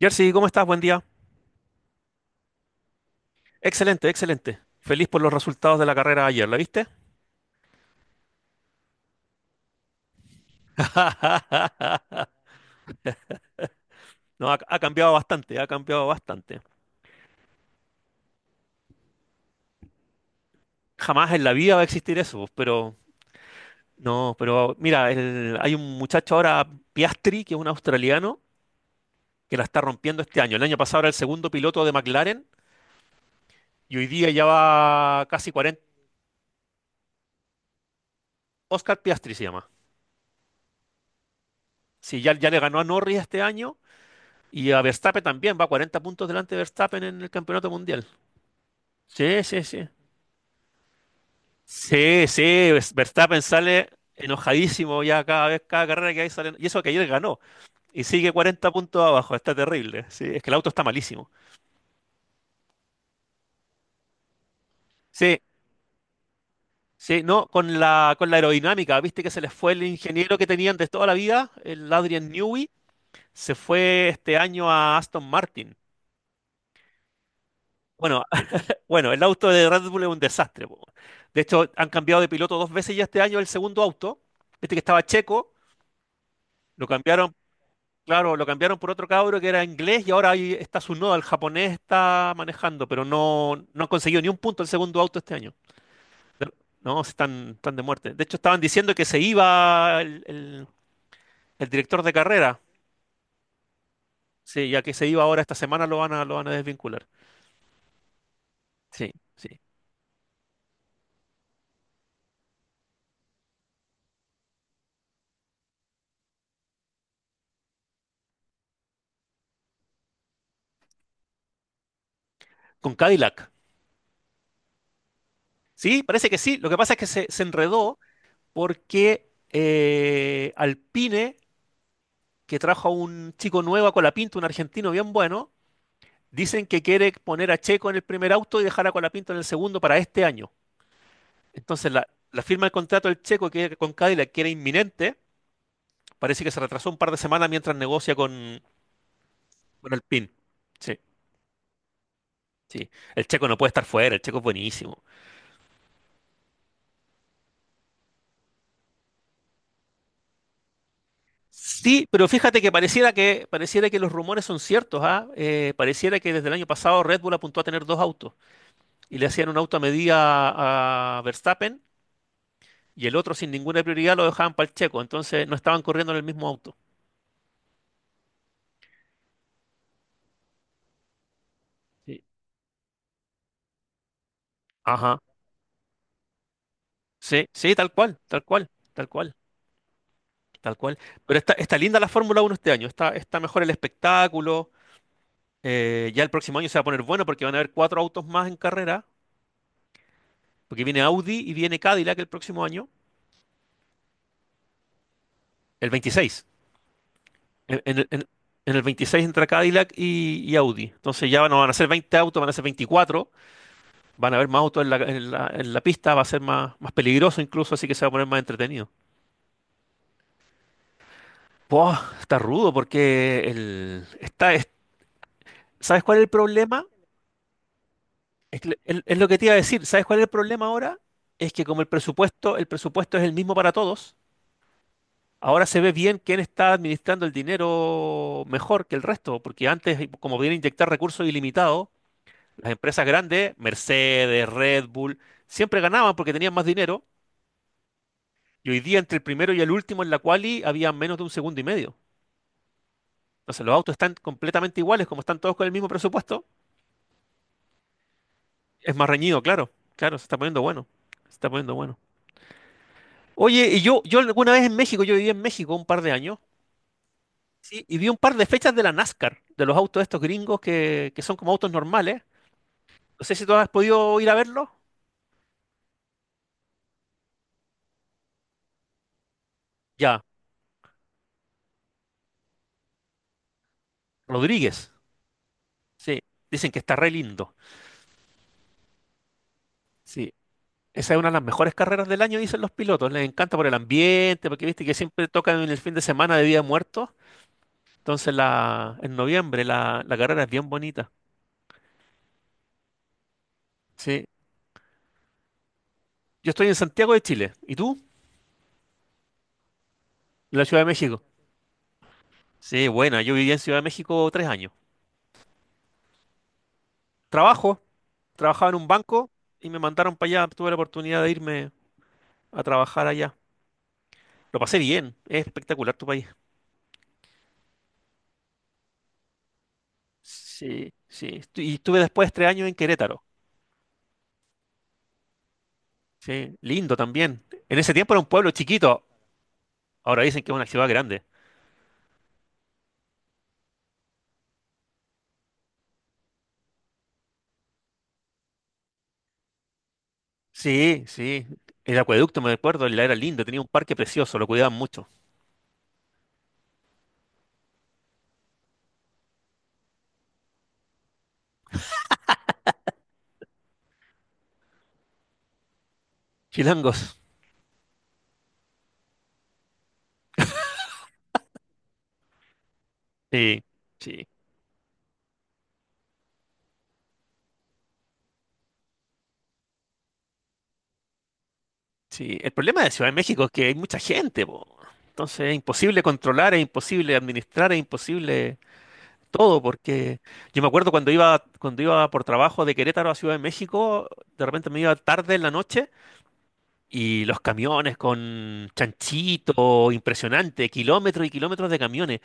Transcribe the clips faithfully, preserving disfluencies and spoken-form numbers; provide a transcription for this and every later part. Jersey, ¿cómo estás? Buen día. Excelente, excelente. Feliz por los resultados de la carrera de ayer, ¿la viste? No, ha, ha cambiado bastante, ha cambiado bastante. Jamás en la vida va a existir eso, pero no, pero mira, el- hay un muchacho ahora, Piastri, que es un australiano, que la está rompiendo este año. El año pasado era el segundo piloto de McLaren y hoy día ya va casi cuarenta. Oscar Piastri se llama. Sí, ya, ya le ganó a Norris este año y a Verstappen también, va cuarenta puntos delante de Verstappen en el campeonato mundial. Sí, sí, sí. Sí, sí, Verstappen sale enojadísimo ya cada vez, cada carrera que hay sale. Y eso que ayer ganó. Y sigue cuarenta puntos abajo, está terrible. Sí, es que el auto está malísimo. Sí, sí, no, con la, con la aerodinámica, viste que se les fue el ingeniero que tenían de toda la vida, el Adrian Newey, se fue este año a Aston Martin. Bueno, bueno, el auto de Red Bull es un desastre, po. De hecho, han cambiado de piloto dos veces ya este año el segundo auto. Este que estaba Checo, lo cambiaron. Claro, lo cambiaron por otro cabro que era inglés y ahora ahí está su nodo, el japonés está manejando, pero no, no han conseguido ni un punto el segundo auto este año. De- No, están, están de muerte. De hecho, estaban diciendo que se iba el, el- el director de carrera. Sí, ya que se iba ahora esta semana lo van a, lo van a desvincular. Sí, sí. Con Cadillac. Sí, parece que sí. Lo que pasa es que se, se enredó porque eh, Alpine, que trajo a un chico nuevo a Colapinto, un argentino bien bueno, dicen que quiere poner a Checo en el primer auto y dejar a Colapinto en el segundo para este año. Entonces, la, la firma del contrato del Checo que, con Cadillac, que era inminente, parece que se retrasó un par de semanas mientras negocia con, con Alpine. Sí, sí. El Checo no puede estar fuera, el Checo es buenísimo. Sí, pero fíjate que pareciera que, pareciera que los rumores son ciertos, ¿ah? Eh, pareciera que desde el año pasado Red Bull apuntó a tener dos autos y le hacían un auto a medida a, a Verstappen y el otro sin ninguna prioridad lo dejaban para el Checo, entonces no estaban corriendo en el mismo auto. Sí. Ajá. Sí, sí, tal cual, tal cual, tal cual, tal cual. Pero está, está linda la Fórmula Uno este año, está, está mejor el espectáculo. Eh, ya el próximo año se va a poner bueno porque van a haber cuatro autos más en carrera, porque viene Audi y viene Cadillac el próximo año, el veintiséis. En, en el en- en el veintiséis entra Cadillac y, y Audi. Entonces ya no van a ser veinte autos, van a ser veinticuatro. Van a haber más autos en la, en la- en la pista, va a ser más, más peligroso incluso, así que se va a poner más entretenido. Buah, está rudo porque el, está, es- ¿sabes cuál es el problema? Es, que le- es- es lo que te iba a decir. ¿Sabes cuál es el problema ahora? Es que como el presupuesto, el presupuesto es el mismo para todos, ahora se ve bien quién está administrando el dinero mejor que el resto, porque antes, como viene a inyectar recursos ilimitados, las empresas grandes, Mercedes, Red Bull, siempre ganaban porque tenían más dinero, y hoy día entre el primero y el último en la quali había menos de un segundo y medio. Entonces los autos están completamente iguales, como están todos con el mismo presupuesto, es más reñido, claro. Claro, se está poniendo bueno. Se está poniendo bueno. Oye, y yo, yo alguna vez en México, yo viví en México un par de años, sí, y vi un par de fechas de la NASCAR, de los autos estos gringos que, que son como autos normales. No sé si tú has podido ir a verlos. Ya, Rodríguez, sí, dicen que está re lindo. Sí, esa es una de las mejores carreras del año, dicen los pilotos. Les encanta por el ambiente, porque viste que siempre tocan en el fin de semana de Día de Muertos. Entonces, la, en noviembre la, la carrera es bien bonita. Sí, yo estoy en Santiago de Chile. ¿Y tú? En la Ciudad de México. Sí, buena, yo viví en Ciudad de México tres años. Trabajo, trabajaba en un banco y me mandaron para allá. Tuve la oportunidad de irme a trabajar allá. Lo pasé bien, es espectacular tu país. Sí, sí. Estu- Y estuve después tres años en Querétaro. Sí, lindo también. En ese tiempo era un pueblo chiquito, ahora dicen que es una ciudad grande. Sí, sí. El acueducto, me acuerdo, la era lindo, tenía un parque precioso, lo cuidaban mucho. Chilangos. Sí, sí, sí. El problema de Ciudad de México es que hay mucha gente, po. Entonces es imposible controlar, es imposible administrar, es imposible todo, porque yo me acuerdo cuando iba, cuando iba por trabajo de Querétaro a Ciudad de México, de repente me iba tarde en la noche y los camiones con chanchito, impresionante, kilómetros y kilómetros de camiones.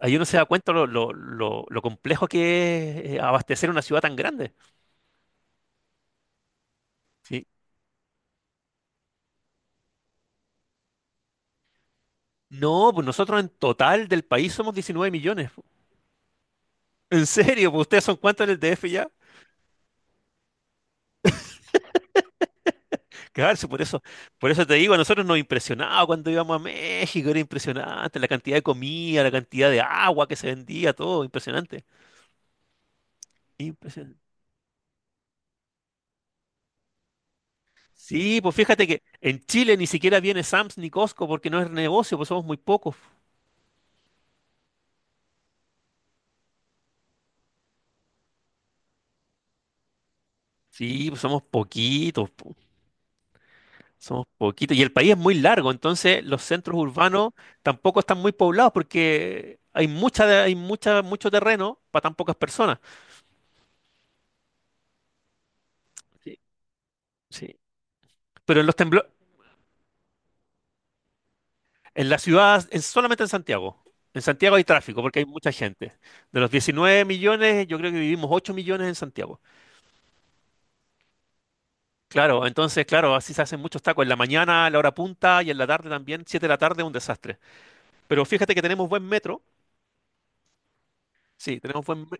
Ahí uno se da cuenta lo, lo, lo- lo complejo que es eh, abastecer una ciudad tan grande. Sí. No, pues nosotros en total del país somos diecinueve millones. ¿En serio? ¿Pues ustedes son cuántos en el D F ya? Claro, sí, por eso, por eso te digo, a nosotros nos impresionaba cuando íbamos a México, era impresionante la cantidad de comida, la cantidad de agua que se vendía, todo, impresionante. Impresionante. Sí, pues fíjate que en Chile ni siquiera viene Sam's ni Costco porque no es negocio, pues somos muy pocos. Sí, pues somos poquitos, po, somos poquitos. Y el país es muy largo, entonces los centros urbanos tampoco están muy poblados porque hay mucha, de- hay mucha, mucho terreno para tan pocas personas. Sí, sí. Pero en los temblores. En la ciudad, en- solamente en Santiago. En Santiago hay tráfico porque hay mucha gente. De los diecinueve millones, yo creo que vivimos ocho millones en Santiago. Claro, entonces, claro, así se hacen muchos tacos. En la mañana, a la hora punta y en la tarde también. Siete de la tarde, un desastre. Pero fíjate que tenemos buen metro. Sí, tenemos buen... me-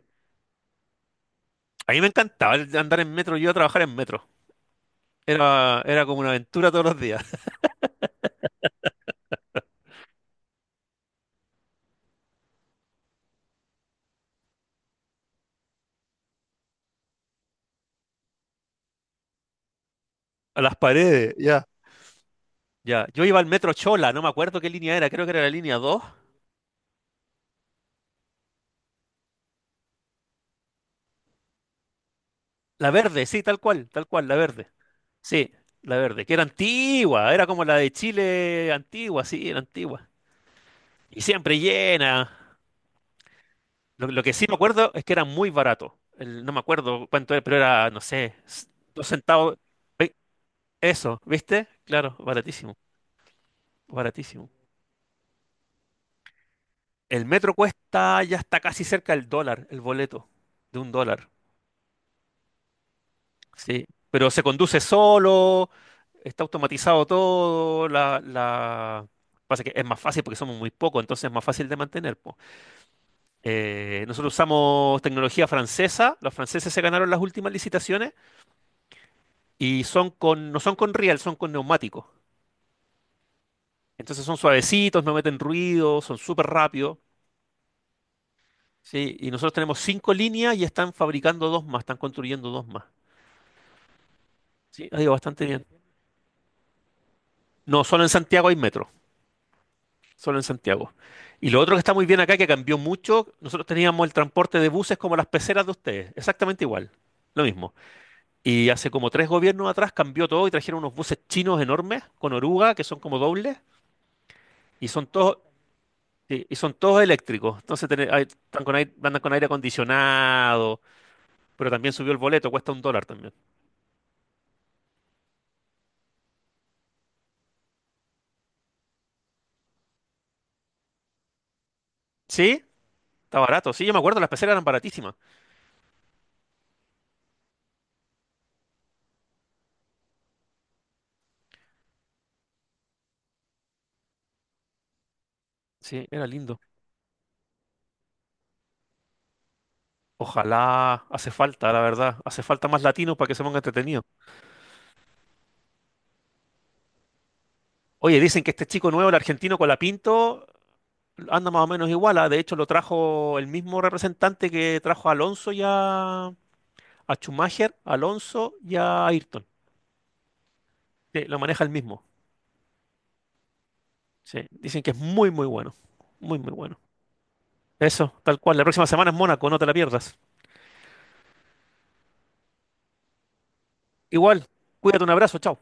a mí me encantaba el- andar en metro. Yo iba a trabajar en metro. Era, era como una aventura todos los días. A las paredes, ya. Ya, yo iba al metro Chola, no me acuerdo qué línea era, creo que era la línea dos. La verde, sí, tal cual, tal cual, la verde. Sí, la verde, que era antigua, era como la de Chile antigua, sí, era antigua. Y siempre llena. Lo, lo que sí me acuerdo es que era muy barato. El- no me acuerdo cuánto era, pero era, no sé, s- dos centavos. Ve- Eso, ¿viste? Claro, baratísimo, baratísimo. El metro cuesta, ya está casi cerca el dólar, el boleto, de un dólar. Sí, pero se conduce solo, está automatizado todo, la, la... pasa que es más fácil porque somos muy pocos, entonces es más fácil de mantener, po. Eh, nosotros usamos tecnología francesa, los franceses se ganaron las últimas licitaciones y son con, no son con riel, son con neumáticos. Entonces son suavecitos, no meten ruido, son súper rápidos, ¿sí? Y nosotros tenemos cinco líneas y están fabricando dos más, están construyendo dos más. Sí, ha ido bastante bien. No, solo en Santiago hay metro, solo en Santiago. Y lo otro que está muy bien acá, que cambió mucho, nosotros teníamos el transporte de buses como las peceras de ustedes, exactamente igual, lo mismo. Y hace como tres gobiernos atrás cambió todo y trajeron unos buses chinos enormes con oruga que son como dobles y son todos, sí, y son todos eléctricos. Entonces tiene- hay- están con aire, andan con aire acondicionado, pero también subió el boleto, cuesta un dólar también. Sí, está barato. Sí, yo me acuerdo, las peceras eran baratísimas. Sí, era lindo. Ojalá, hace falta, la verdad, hace falta más latinos para que se ponga entretenido. Oye, dicen que este chico nuevo, el argentino con la Pinto, anda más o menos igual. ah, De hecho, lo trajo el mismo representante que trajo a Alonso ya a Schumacher, a Alonso y a Ayrton. Sí, lo maneja el mismo. Sí, dicen que es muy, muy bueno. Muy, muy bueno. Eso, tal cual. La próxima semana es Mónaco, no te la pierdas. Igual, cuídate, un abrazo, chao.